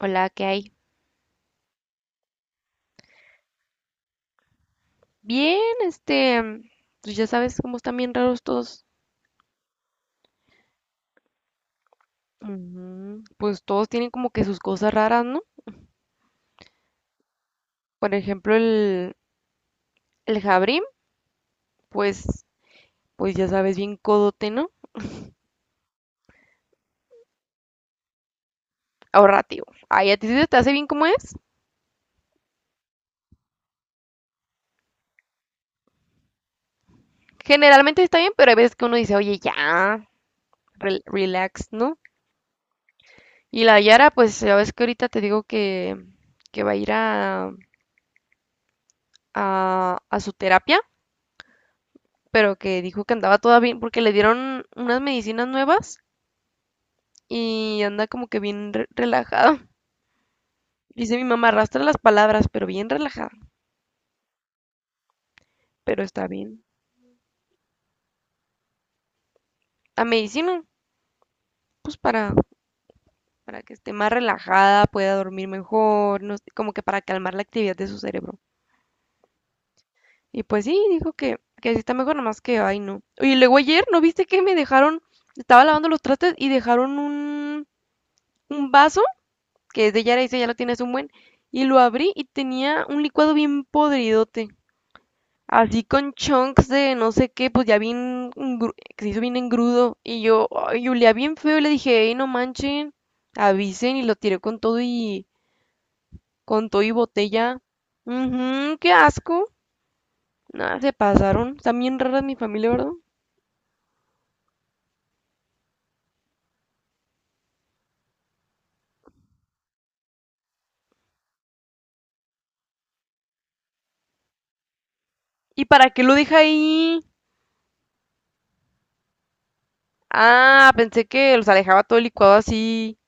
Hola, ¿qué hay? Bien, pues ya sabes cómo están bien raros todos. Ujú. Pues todos tienen como que sus cosas raras, ¿no? Por ejemplo, el Jabrim, pues, pues ya sabes, bien codote, ¿no? Ahorrativo. Ay, a ti sí se te hace bien como es. Generalmente está bien, pero hay veces que uno dice, oye, ya, relax, ¿no? Y la Yara, pues ya ves que ahorita te digo que va a ir a, a su terapia, pero que dijo que andaba toda bien porque le dieron unas medicinas nuevas y anda como que bien relajada. Dice mi mamá, arrastra las palabras, pero bien relajada, pero está bien. A medicina, pues para que esté más relajada, pueda dormir mejor, no sé, como que para calmar la actividad de su cerebro. Y pues sí, dijo que sí está mejor, nomás que, ay, no. Oye, luego ayer, ¿no viste que me dejaron, estaba lavando los trastes y dejaron un vaso, que es de Yara, dice, ya lo tienes un buen, y lo abrí y tenía un licuado bien podridote. Así con chunks de no sé qué, pues ya bien, que se hizo bien engrudo. Y yo, ay, olía bien feo y le dije, hey, no manchen, avisen y lo tiré con todo y botella. Ujú, qué asco. Nada, se pasaron. Están bien raras mi familia, ¿verdad? ¿Y para qué lo deja ahí? Ah, pensé que los alejaba todo el licuado así,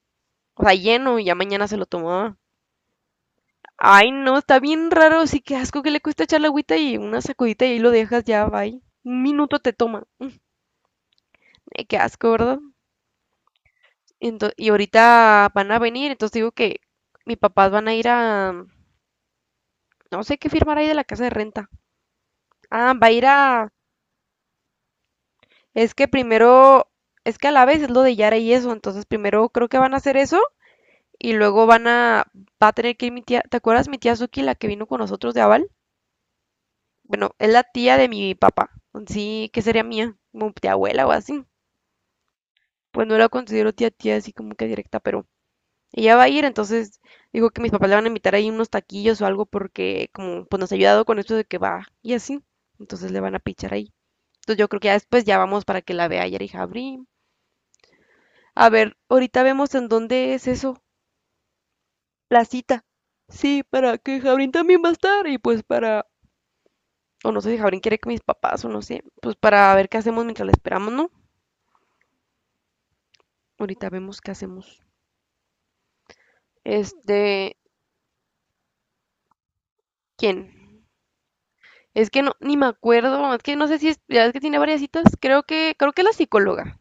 o sea, lleno y ya mañana se lo tomaba. Ay, no, está bien raro, sí, qué asco que le cuesta echar la agüita y una sacudita y ahí lo dejas ya, bye. Un minuto te toma. Qué asco, ¿verdad? Y ahorita van a venir, entonces digo que mis papás van a ir a, no sé qué firmar ahí de la casa de renta. Ah, va a ir a, es que primero, es que a la vez es lo de Yara y eso, entonces primero creo que van a hacer eso y luego van a, va a tener que ir mi tía, ¿te acuerdas mi tía Suki, la que vino con nosotros de Aval? Bueno, es la tía de mi papá, sí, que sería mía, como tía abuela o así. Pues no la considero tía tía así como que directa, pero ella va a ir, entonces digo que mis papás le van a invitar ahí unos taquillos o algo porque como pues nos ha ayudado con esto de que va y así, entonces le van a pichar ahí. Entonces yo creo que ya después ya vamos para que la vea Yari Jabrín. A ver, ahorita vemos en dónde es eso, la cita. Sí, para que Jabrín también va a estar y pues para, o no sé si Jabrín quiere que mis papás o no sé, pues para ver qué hacemos mientras la esperamos, ¿no? Ahorita vemos qué hacemos. Este, ¿quién? Es que no, ni me acuerdo, es que no sé si es, ya es que tiene varias citas, creo que es la psicóloga,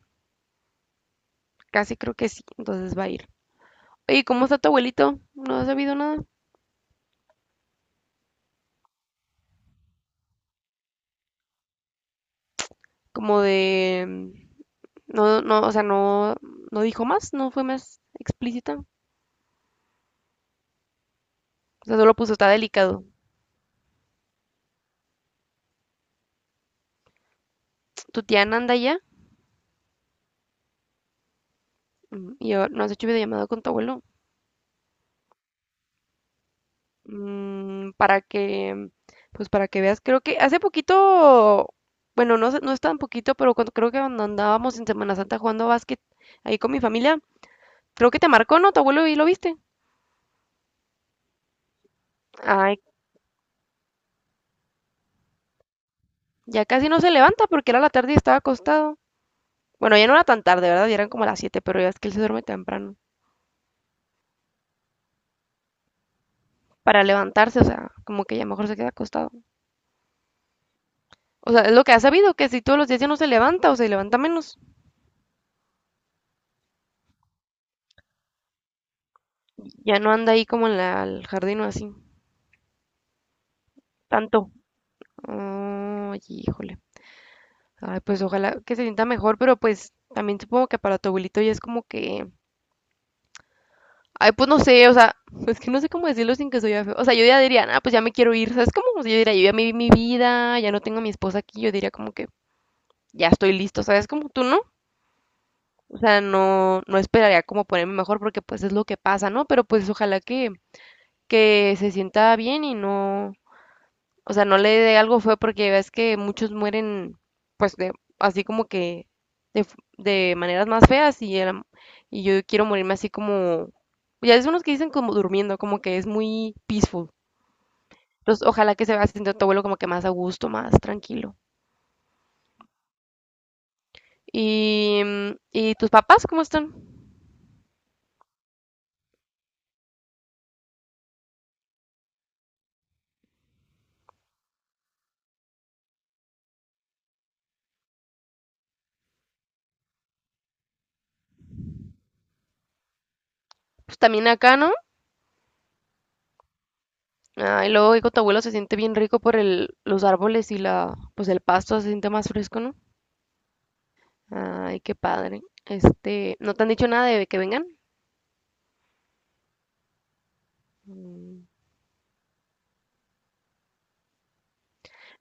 casi creo que sí, entonces va a ir. Oye, ¿cómo está tu abuelito? ¿No has sabido nada? Como de, mm, no, no, o sea, no, no dijo más, no fue más explícita, o sea, solo puso, está delicado. ¿Tu tía Nanda ya? Mm. Y yo, ¿no has hecho videollamada con tu abuelo? Para que, pues para que veas, creo que hace poquito, bueno, no, no es tan poquito, pero cuando, creo que cuando andábamos en Semana Santa jugando básquet ahí con mi familia, creo que te marcó, ¿no? Tu abuelo y lo viste. Ay, ya casi no se levanta porque era la tarde y estaba acostado. Bueno, ya no era tan tarde, ¿verdad? Ya eran como las 7 pero ya es que él se duerme temprano. Para levantarse, o sea, como que ya mejor se queda acostado. O sea, es lo que ha sabido, que si todos los días ya no se levanta o se levanta menos, ya no anda ahí como en el jardín o así, tanto. Ay, híjole. Ay, pues ojalá que se sienta mejor, pero pues también supongo que para tu abuelito ya es como que. Ay, pues no sé, o sea, es que no sé cómo decirlo sin que soy feo. O sea, yo ya diría, ah, pues ya me quiero ir, ¿sabes? Como, o sea, yo diría, yo ya me vi mi vida, ya no tengo a mi esposa aquí, yo diría como que ya estoy listo, ¿sabes? Como tú, ¿no? O sea, no, no esperaría como ponerme mejor porque pues es lo que pasa, ¿no? Pero pues ojalá que se sienta bien y no, o sea, no le dé algo feo porque ves que muchos mueren, pues, de, así como que de, de maneras más feas y, y yo quiero morirme así como, ya es unos que dicen como durmiendo, como que es muy peaceful. Entonces, ojalá que se vaya haciendo tu abuelo como que más a gusto, más tranquilo. Y, ¿y tus papás cómo están? Pues también acá, ¿no? Ah, y luego digo, tu abuelo se siente bien rico por el, los árboles y la, pues el pasto se siente más fresco, ¿no? Ay, qué padre. Este, ¿no te han dicho nada de que vengan? Mm.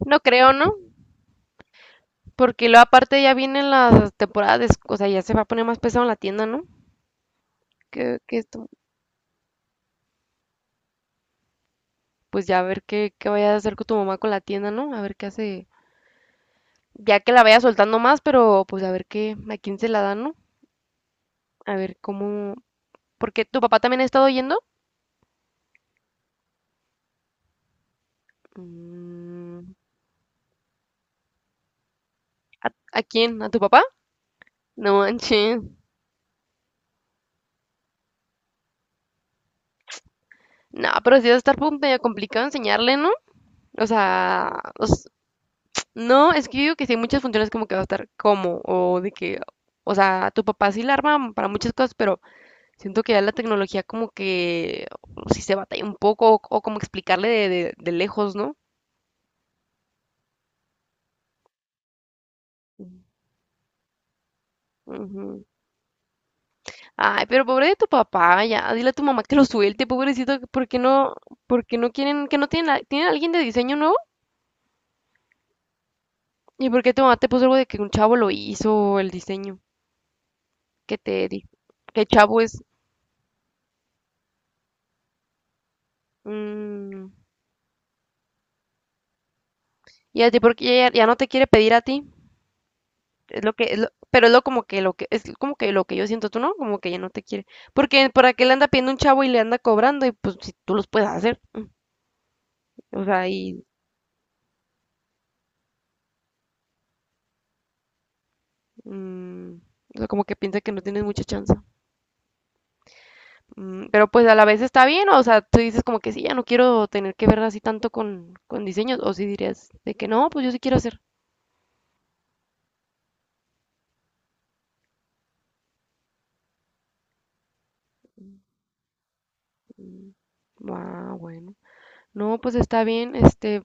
No creo, ¿no? Porque luego aparte ya vienen las temporadas, de o sea, ya se va a poner más pesado en la tienda, ¿no? Que, que esto- pues ya a ver qué, qué vaya a hacer con tu mamá con la tienda, ¿no? A ver qué hace, ya que la vaya soltando más, pero pues a ver qué, a quién se la dan, ¿no? A ver cómo, porque tu papá también ha estado yendo. Mm. ¿A quién? ¿A tu papá? No manches. No, pero sí va a estar medio complicado enseñarle, ¿no? O sea, no, es que yo digo que sí muchas funciones como que va a estar como, o de que, o sea, tu papá sí la arma para muchas cosas, pero siento que ya la tecnología como que sí se batalla un poco, o como explicarle de, de lejos, ¿no? Ujú. Ay, pero pobre de tu papá, ya, dile a tu mamá que lo suelte, pobrecito, por qué no quieren, que no tienen, tienen a alguien de diseño nuevo? ¿Y por qué tu mamá te puso algo de que un chavo lo hizo el diseño? ¿Qué te di? ¿Qué chavo es? Mm. ¿Y a ti por qué ya, ya no te quiere pedir a ti? Es lo que, pero es lo como que lo que, es como que lo que yo siento, tú no, como que ella no te quiere. Porque por qué le anda pidiendo un chavo y le anda cobrando, y pues si tú los puedes hacer. O sea, y mm, o sea, como que piensa que no tienes mucha chance. Mm, pero pues a la vez está bien, o sea, tú dices como que sí, ya no quiero tener que ver así tanto con diseños, o si dirías de que no, pues yo sí quiero hacer. Mm. Ah, bueno. No, pues está bien, este,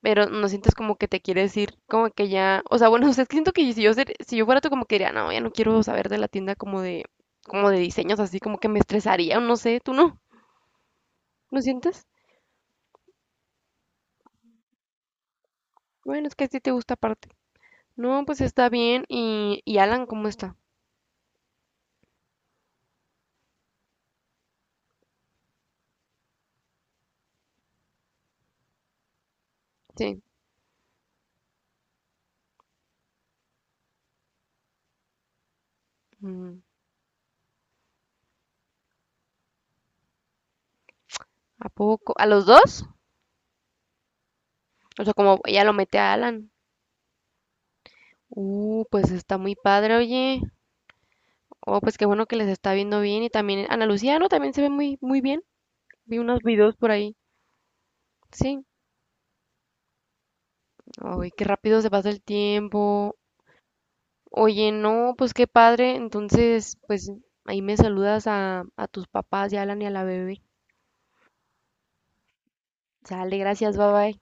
pero no sientes como que te quiere decir, como que ya, o sea, bueno, no sé, es que siento que si yo, si yo fuera tú, como que diría, no, ya no quiero saber de la tienda como de diseños, así como que me estresaría, o no sé, tú no, ¿no sientes? Bueno, es que a ti te gusta aparte. No, pues está bien, y Alan, ¿cómo está? Sí, mm, ¿a poco? ¿A los dos? O sea, como ella lo mete a Alan. Pues está muy padre, oye. Oh, pues qué bueno que les está viendo bien, y también Ana Lucía, ¿no? También se ve muy, muy bien. Vi unos videos por ahí. Sí. Ay, qué rápido se pasa el tiempo. Oye, no, pues qué padre. Entonces, pues ahí me saludas a tus papás y a Alan y a la bebé. Sale, gracias, bye bye.